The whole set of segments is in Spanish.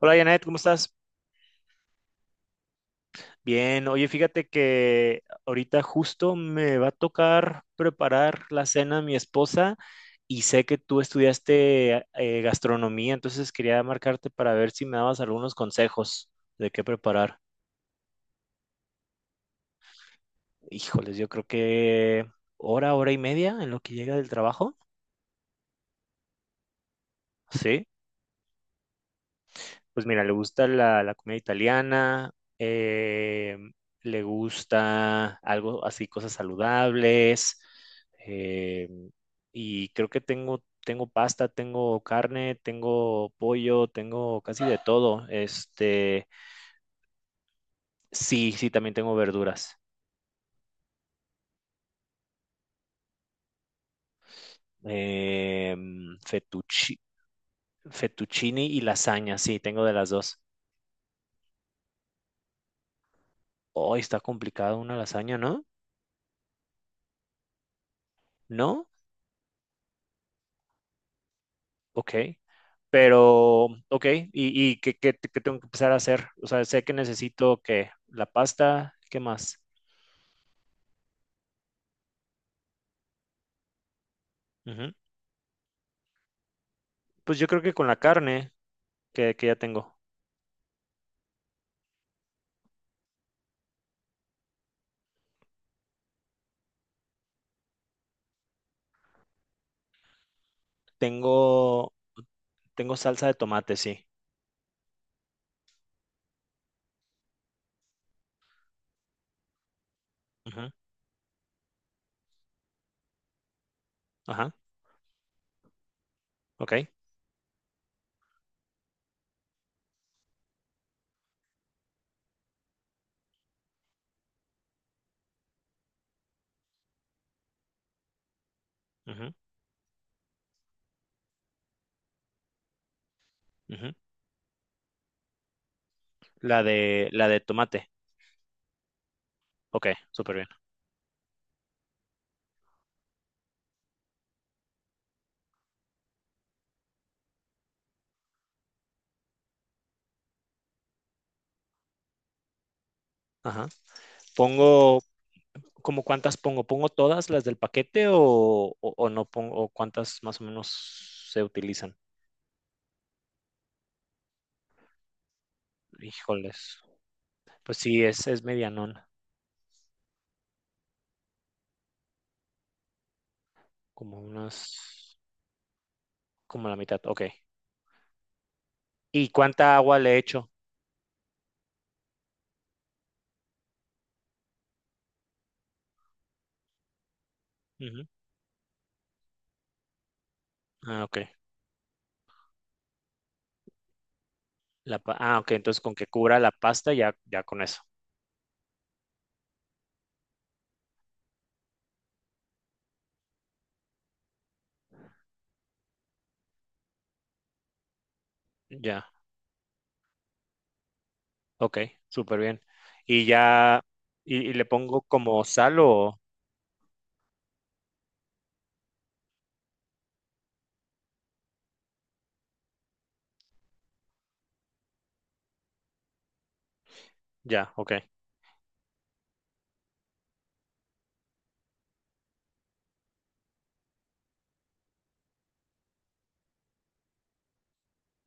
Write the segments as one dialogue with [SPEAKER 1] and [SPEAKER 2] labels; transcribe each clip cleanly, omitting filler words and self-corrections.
[SPEAKER 1] Hola Janet, ¿cómo estás? Bien, oye, fíjate que ahorita justo me va a tocar preparar la cena a mi esposa y sé que tú estudiaste gastronomía, entonces quería marcarte para ver si me dabas algunos consejos de qué preparar. Híjoles, yo creo que hora y media en lo que llega del trabajo. Sí. Pues mira, le gusta la comida italiana, eh, le gusta algo así, cosas saludables, eh, y creo que tengo pasta, tengo carne, tengo pollo, tengo casi de todo. Este, sí, sí, también tengo verduras. Eh, fettucci- fettuccini y lasaña, sí, tengo de las dos. Hoy está complicado una lasaña, ¿no? ¿No? Ok, pero, ok, ¿y qué tengo que empezar a hacer? O sea, sé que necesito que la pasta, ¿qué más? Ujú. Pues yo creo que con la carne que ya tengo. Tengo, tengo salsa de tomate, sí. Ujú, ajá, ok. Ujú, ujú. La de tomate. Ok, súper bien. Ajá. Pongo, ¿cómo cuántas pongo? ¿Pongo todas las del paquete o no pongo, o cuántas más o menos se utilizan? Híjoles. Pues sí, es medianón. Como unas, como la mitad, ok. ¿Y cuánta agua le echo? Ujú. Ah, ok. Ah, ok, entonces con que cubra la pasta ya, ya con eso. Ya, ok, súper bien. Y ya, y le pongo como sal o ya, ok,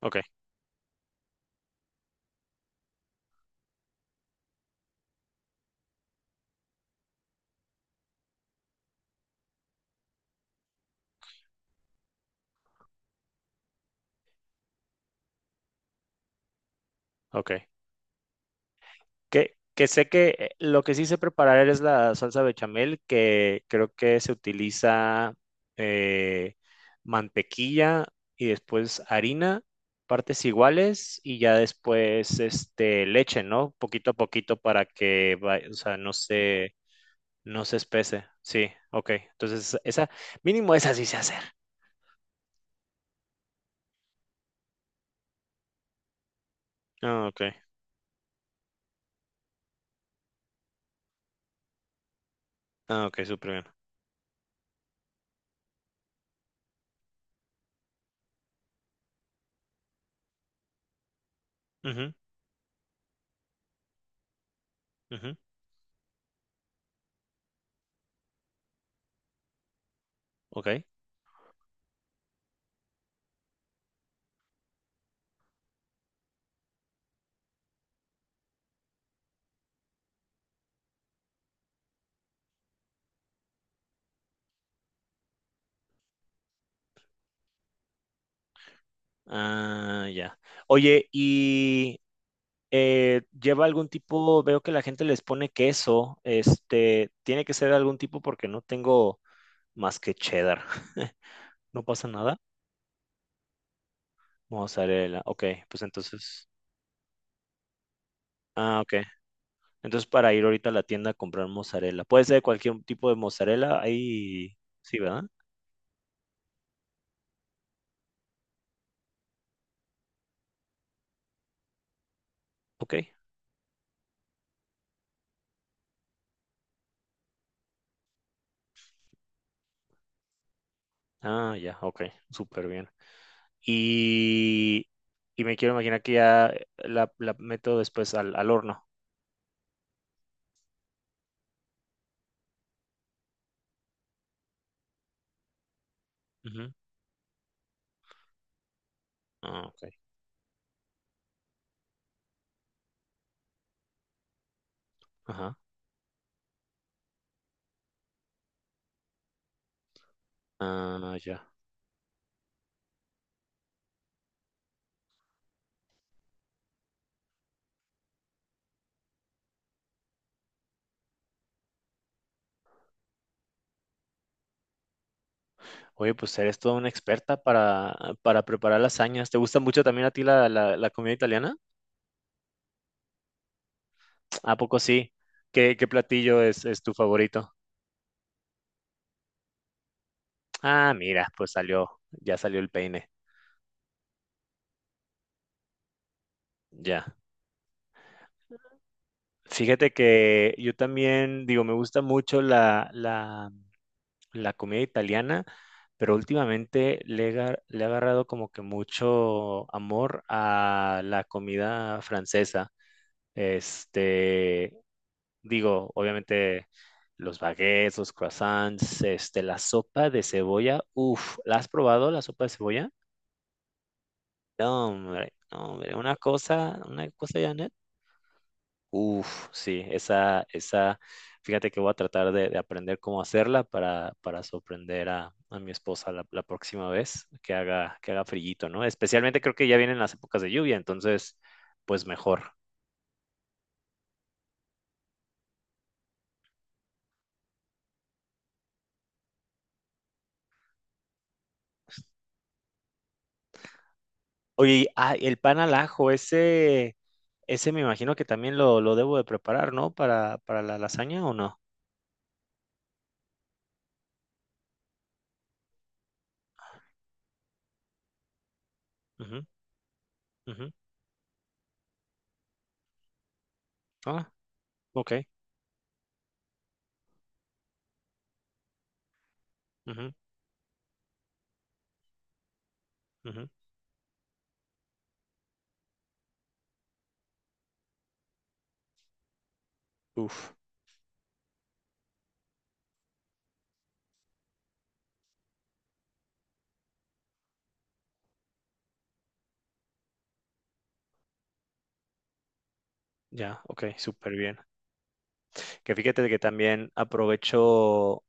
[SPEAKER 1] ok, ok. Que sé que lo que sí sé preparar es la salsa bechamel, que creo que se utiliza eh, mantequilla y después harina, partes iguales y ya después este, leche, ¿no? Poquito a poquito para que o sea, no se espese. Sí, ok. Entonces, esa, mínimo esa sí sé hacer. Ah, ok. Ah, ok, súper bien. Ujú, ujú, ok. Ah, ya. Oye, y lleva algún tipo, veo que la gente les pone queso, este, tiene que ser algún tipo porque no tengo más que cheddar. No pasa nada. Mozzarella, ok, pues entonces, ah, ok. Entonces para ir ahorita a la tienda a comprar mozzarella. Puede ser cualquier tipo de mozzarella, ahí sí, ¿verdad? Ok. Ah, ya, ok, súper bien. Y, y me quiero imaginar que ya la meto después al horno. Ujú. Ah, ok. Ajá. Ah, ya. Oye, pues eres toda una experta para preparar lasañas. ¿Te gusta mucho también a ti la comida italiana? ¿A poco sí? ¿Qué platillo es tu favorito? Ah, mira, pues salió, ya salió el peine. Ya. Fíjate que yo también, digo, me gusta mucho la comida italiana, pero últimamente le he agarrado como que mucho amor a la comida francesa. Este, digo, obviamente los baguettes, los croissants, este, la sopa de cebolla. Uf, ¿la has probado la sopa de cebolla? No, hombre, no, hombre, una cosa, Janet. Uf, sí, esa, fíjate que voy a tratar de aprender cómo hacerla para sorprender a mi esposa la próxima vez que haga frillito, ¿no? Especialmente creo que ya vienen las épocas de lluvia, entonces, pues mejor. Oye, y, ah, el pan al ajo, ese... Ese me imagino que también lo debo de preparar, ¿no? Para la lasaña o no. Ujú, ujú. Ah, ok. Ujú, ujú. Uf, ya, ok, súper bien. Que fíjate que también aprovecho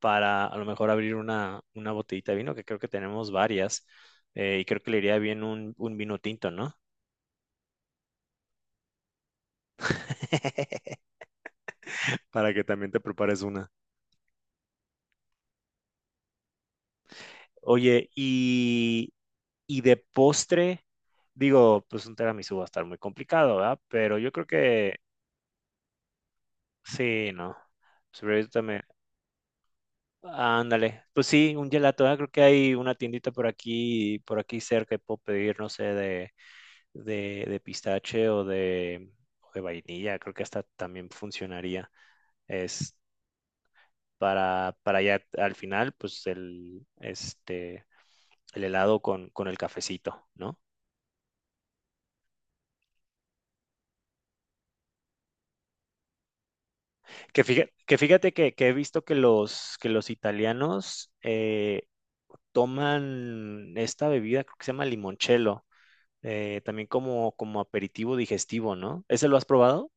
[SPEAKER 1] para a lo mejor abrir una botellita de vino, que creo que tenemos varias, y creo que le iría bien un vino tinto, ¿no? Para que también te prepares una. Oye, y de postre, digo, pues un tiramisú va a estar muy complicado, ¿verdad? Pero yo creo que sí, no. Sobre también. Ándale. Pues sí, un gelato. Ah, creo que hay una tiendita por aquí cerca que puedo pedir, no sé, de pistache o de vainilla. Creo que hasta también funcionaría. Es para ya al final, pues el, este, el helado con el cafecito, ¿no? Fíjate que he visto que que los italianos toman esta bebida, creo que se llama limoncello, también como, como aperitivo digestivo, ¿no? ¿Ese lo has probado?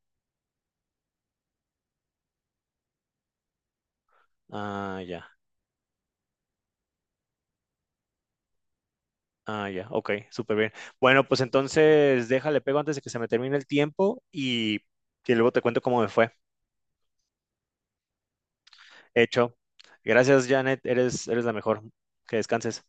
[SPEAKER 1] Ah, ya. Ah, ya. Ok, súper bien. Bueno, pues entonces déjale pego antes de que se me termine el tiempo y luego te cuento cómo me fue. Hecho. Gracias, Janet. Eres, eres la mejor. Que descanses.